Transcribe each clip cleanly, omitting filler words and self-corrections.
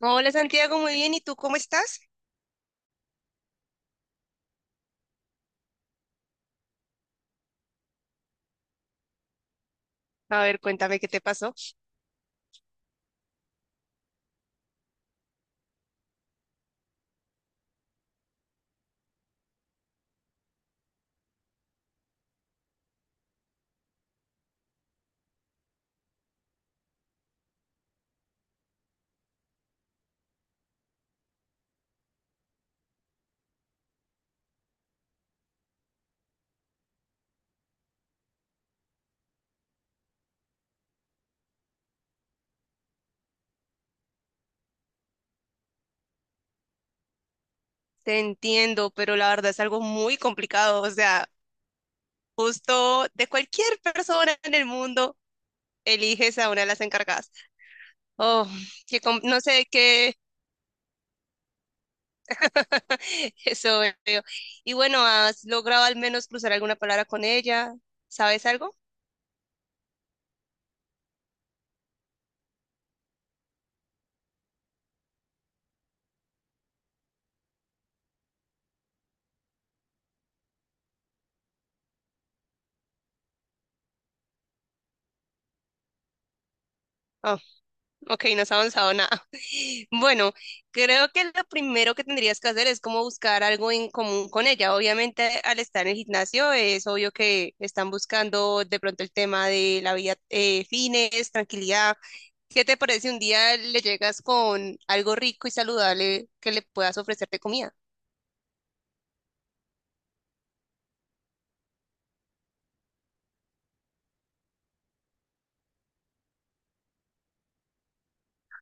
Hola Santiago, muy bien. ¿Y tú cómo estás? A ver, cuéntame qué te pasó. Te entiendo, pero la verdad es algo muy complicado. O sea, justo de cualquier persona en el mundo, eliges a una de las encargadas. Oh, que com- no sé qué eso veo. Y bueno, ¿has logrado al menos cruzar alguna palabra con ella? ¿Sabes algo? Oh. Ok, no has avanzado nada. Bueno, creo que lo primero que tendrías que hacer es como buscar algo en común con ella. Obviamente, al estar en el gimnasio, es obvio que están buscando de pronto el tema de la vida, fines, tranquilidad. ¿Qué te parece si un día le llegas con algo rico y saludable que le puedas ofrecer de comida?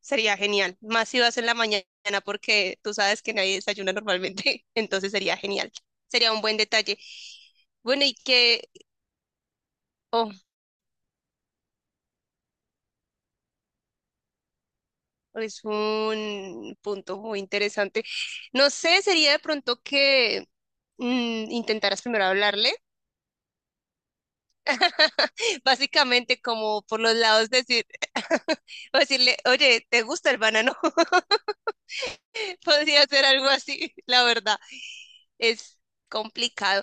Sería genial. Más si vas en la mañana, porque tú sabes que nadie desayuna normalmente, entonces sería genial. Sería un buen detalle. Bueno, y que, ojo, es un punto muy interesante. No sé, sería de pronto que intentaras primero hablarle, básicamente como por los lados decir, o decirle, oye, ¿te gusta el banano? Podría ser algo así, la verdad. Es complicado.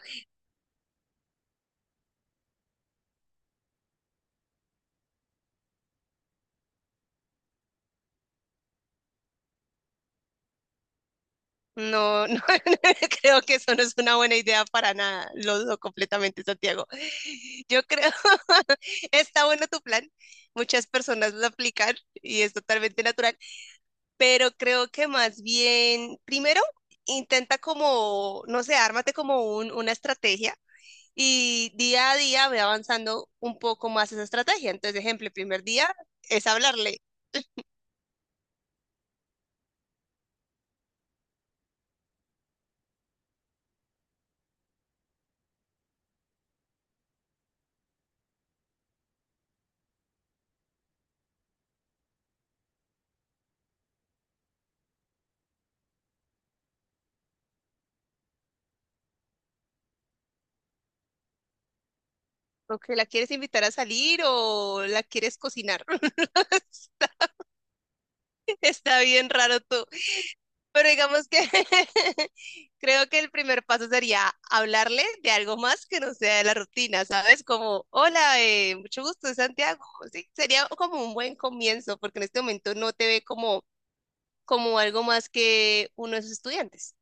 No, no, creo que eso no es una buena idea para nada. Lo dudo completamente, Santiago. Yo creo, está bueno tu plan. Muchas personas lo aplican y es totalmente natural. Pero creo que más bien, primero, intenta como, no sé, ármate como una estrategia y día a día ve avanzando un poco más esa estrategia. Entonces, ejemplo, el primer día es hablarle. O que la quieres invitar a salir o la quieres cocinar. Está bien raro todo. Pero digamos que creo que el primer paso sería hablarle de algo más que no sea de la rutina, ¿sabes? Como, hola, mucho gusto, soy Santiago. Sí, sería como un buen comienzo, porque en este momento no te ve como, como algo más que uno de sus estudiantes.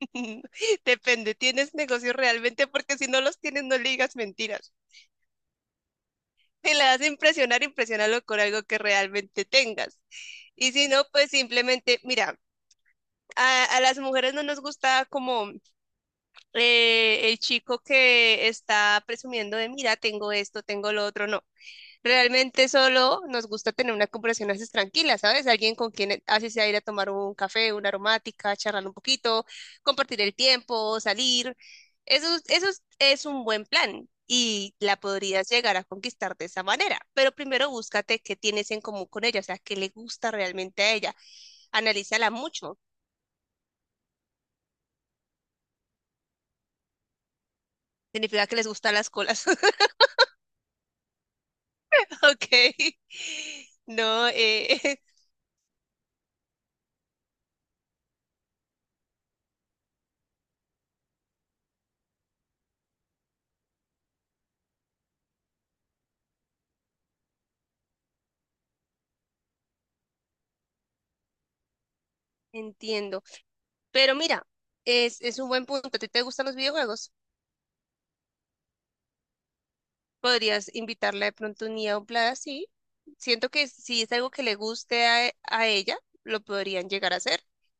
Depende, ¿tienes negocios realmente? Porque si no los tienes, no le digas mentiras. Si la das a impresionar, impresiónalo con algo que realmente tengas. Y si no, pues simplemente, mira, a las mujeres no nos gusta como el chico que está presumiendo de, mira, tengo esto, tengo lo otro, no. Realmente solo nos gusta tener una conversación así tranquila, ¿sabes? Alguien con quien así sea ir a tomar un café, una aromática, charlar un poquito, compartir el tiempo, salir. Eso es un buen plan y la podrías llegar a conquistar de esa manera. Pero primero búscate qué tienes en común con ella, o sea, qué le gusta realmente a ella. Analízala mucho. Significa que les gustan las colas. Ok. No, entiendo. Pero mira, es un buen punto. ¿A ti te gustan los videojuegos? Podrías invitarla de pronto un día a un plan así. Siento que si es algo que le guste a ella, lo podrían llegar a hacer.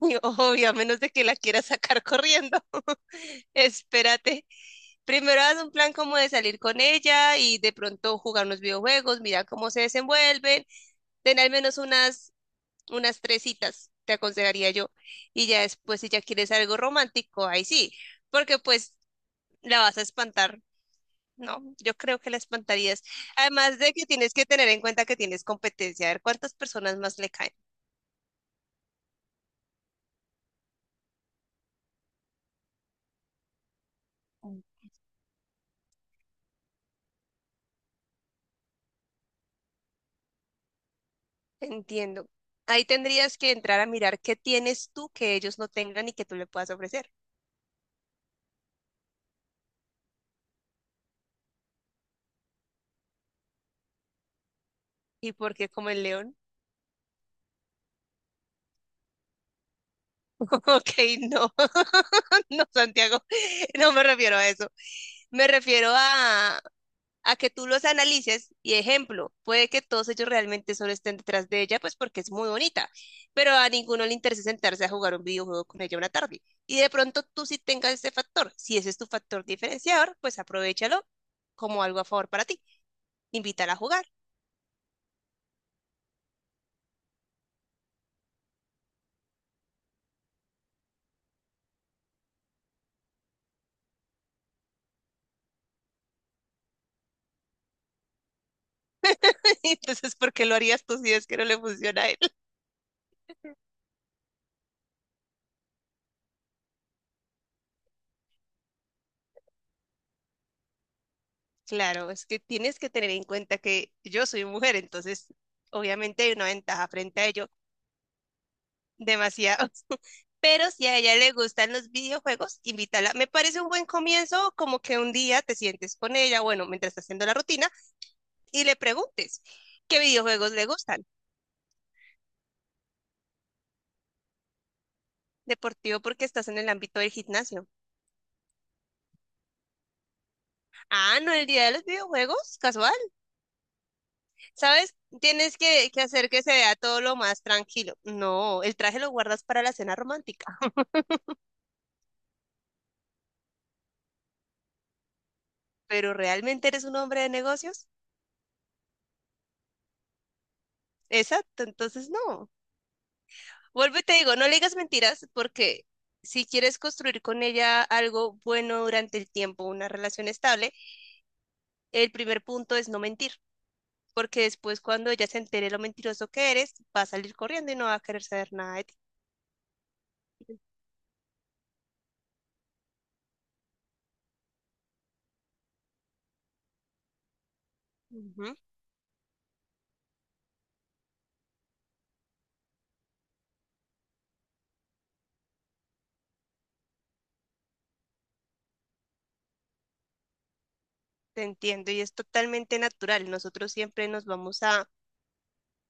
Y obvio, a menos de que la quiera sacar corriendo. Espérate. Primero haz un plan como de salir con ella y de pronto jugar unos videojuegos, mira cómo se desenvuelven, ten al menos unas tres citas, te aconsejaría yo. Y ya después, si ya quieres algo romántico, ahí sí, porque pues la vas a espantar. No, yo creo que la espantarías. Además de que tienes que tener en cuenta que tienes competencia, a ver cuántas personas más le caen. Mm. Entiendo. Ahí tendrías que entrar a mirar qué tienes tú que ellos no tengan y que tú le puedas ofrecer. ¿Y por qué como el león? Ok, no, no, Santiago, no me refiero a eso. Me refiero a que tú los analices y ejemplo, puede que todos ellos realmente solo estén detrás de ella, pues porque es muy bonita, pero a ninguno le interesa sentarse a jugar un videojuego con ella una tarde. Y de pronto tú sí tengas ese factor, si ese es tu factor diferenciador, pues aprovechalo como algo a favor para ti. Invítala a jugar. Entonces, ¿por qué lo harías tú si es que no le funciona a él? Claro, es que tienes que tener en cuenta que yo soy mujer, entonces obviamente hay una ventaja frente a ello demasiado. Pero si a ella le gustan los videojuegos, invítala. Me parece un buen comienzo, como que un día te sientes con ella, bueno, mientras estás haciendo la rutina, y le preguntes qué videojuegos le gustan. Deportivo porque estás en el ámbito del gimnasio. Ah, no, el día de los videojuegos, casual. ¿Sabes? Tienes que hacer que se vea todo lo más tranquilo. No, el traje lo guardas para la cena romántica, pero ¿realmente eres un hombre de negocios? Exacto, entonces no. Vuelvo y te digo, no le digas mentiras porque si quieres construir con ella algo bueno durante el tiempo, una relación estable, el primer punto es no mentir, porque después cuando ella se entere lo mentiroso que eres, va a salir corriendo y no va a querer saber nada de ti. Ujú. Te entiendo y es totalmente natural. Nosotros siempre nos vamos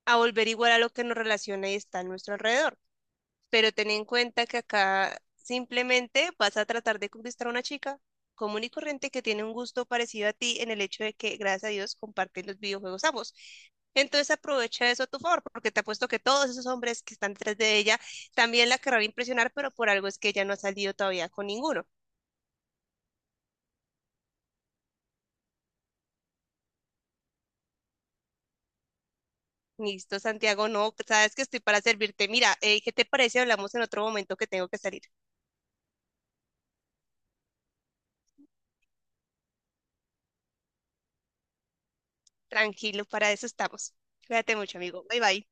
a volver igual a lo que nos relaciona y está a nuestro alrededor. Pero ten en cuenta que acá simplemente vas a tratar de conquistar a una chica común y corriente que tiene un gusto parecido a ti en el hecho de que, gracias a Dios, comparten los videojuegos ambos. Entonces aprovecha eso a tu favor, porque te apuesto que todos esos hombres que están detrás de ella también la querrán impresionar, pero por algo es que ella no ha salido todavía con ninguno. Listo, Santiago, no, sabes que estoy para servirte. Mira, ¿qué te parece? Hablamos en otro momento que tengo que salir. Tranquilo, para eso estamos. Cuídate mucho, amigo. Bye bye.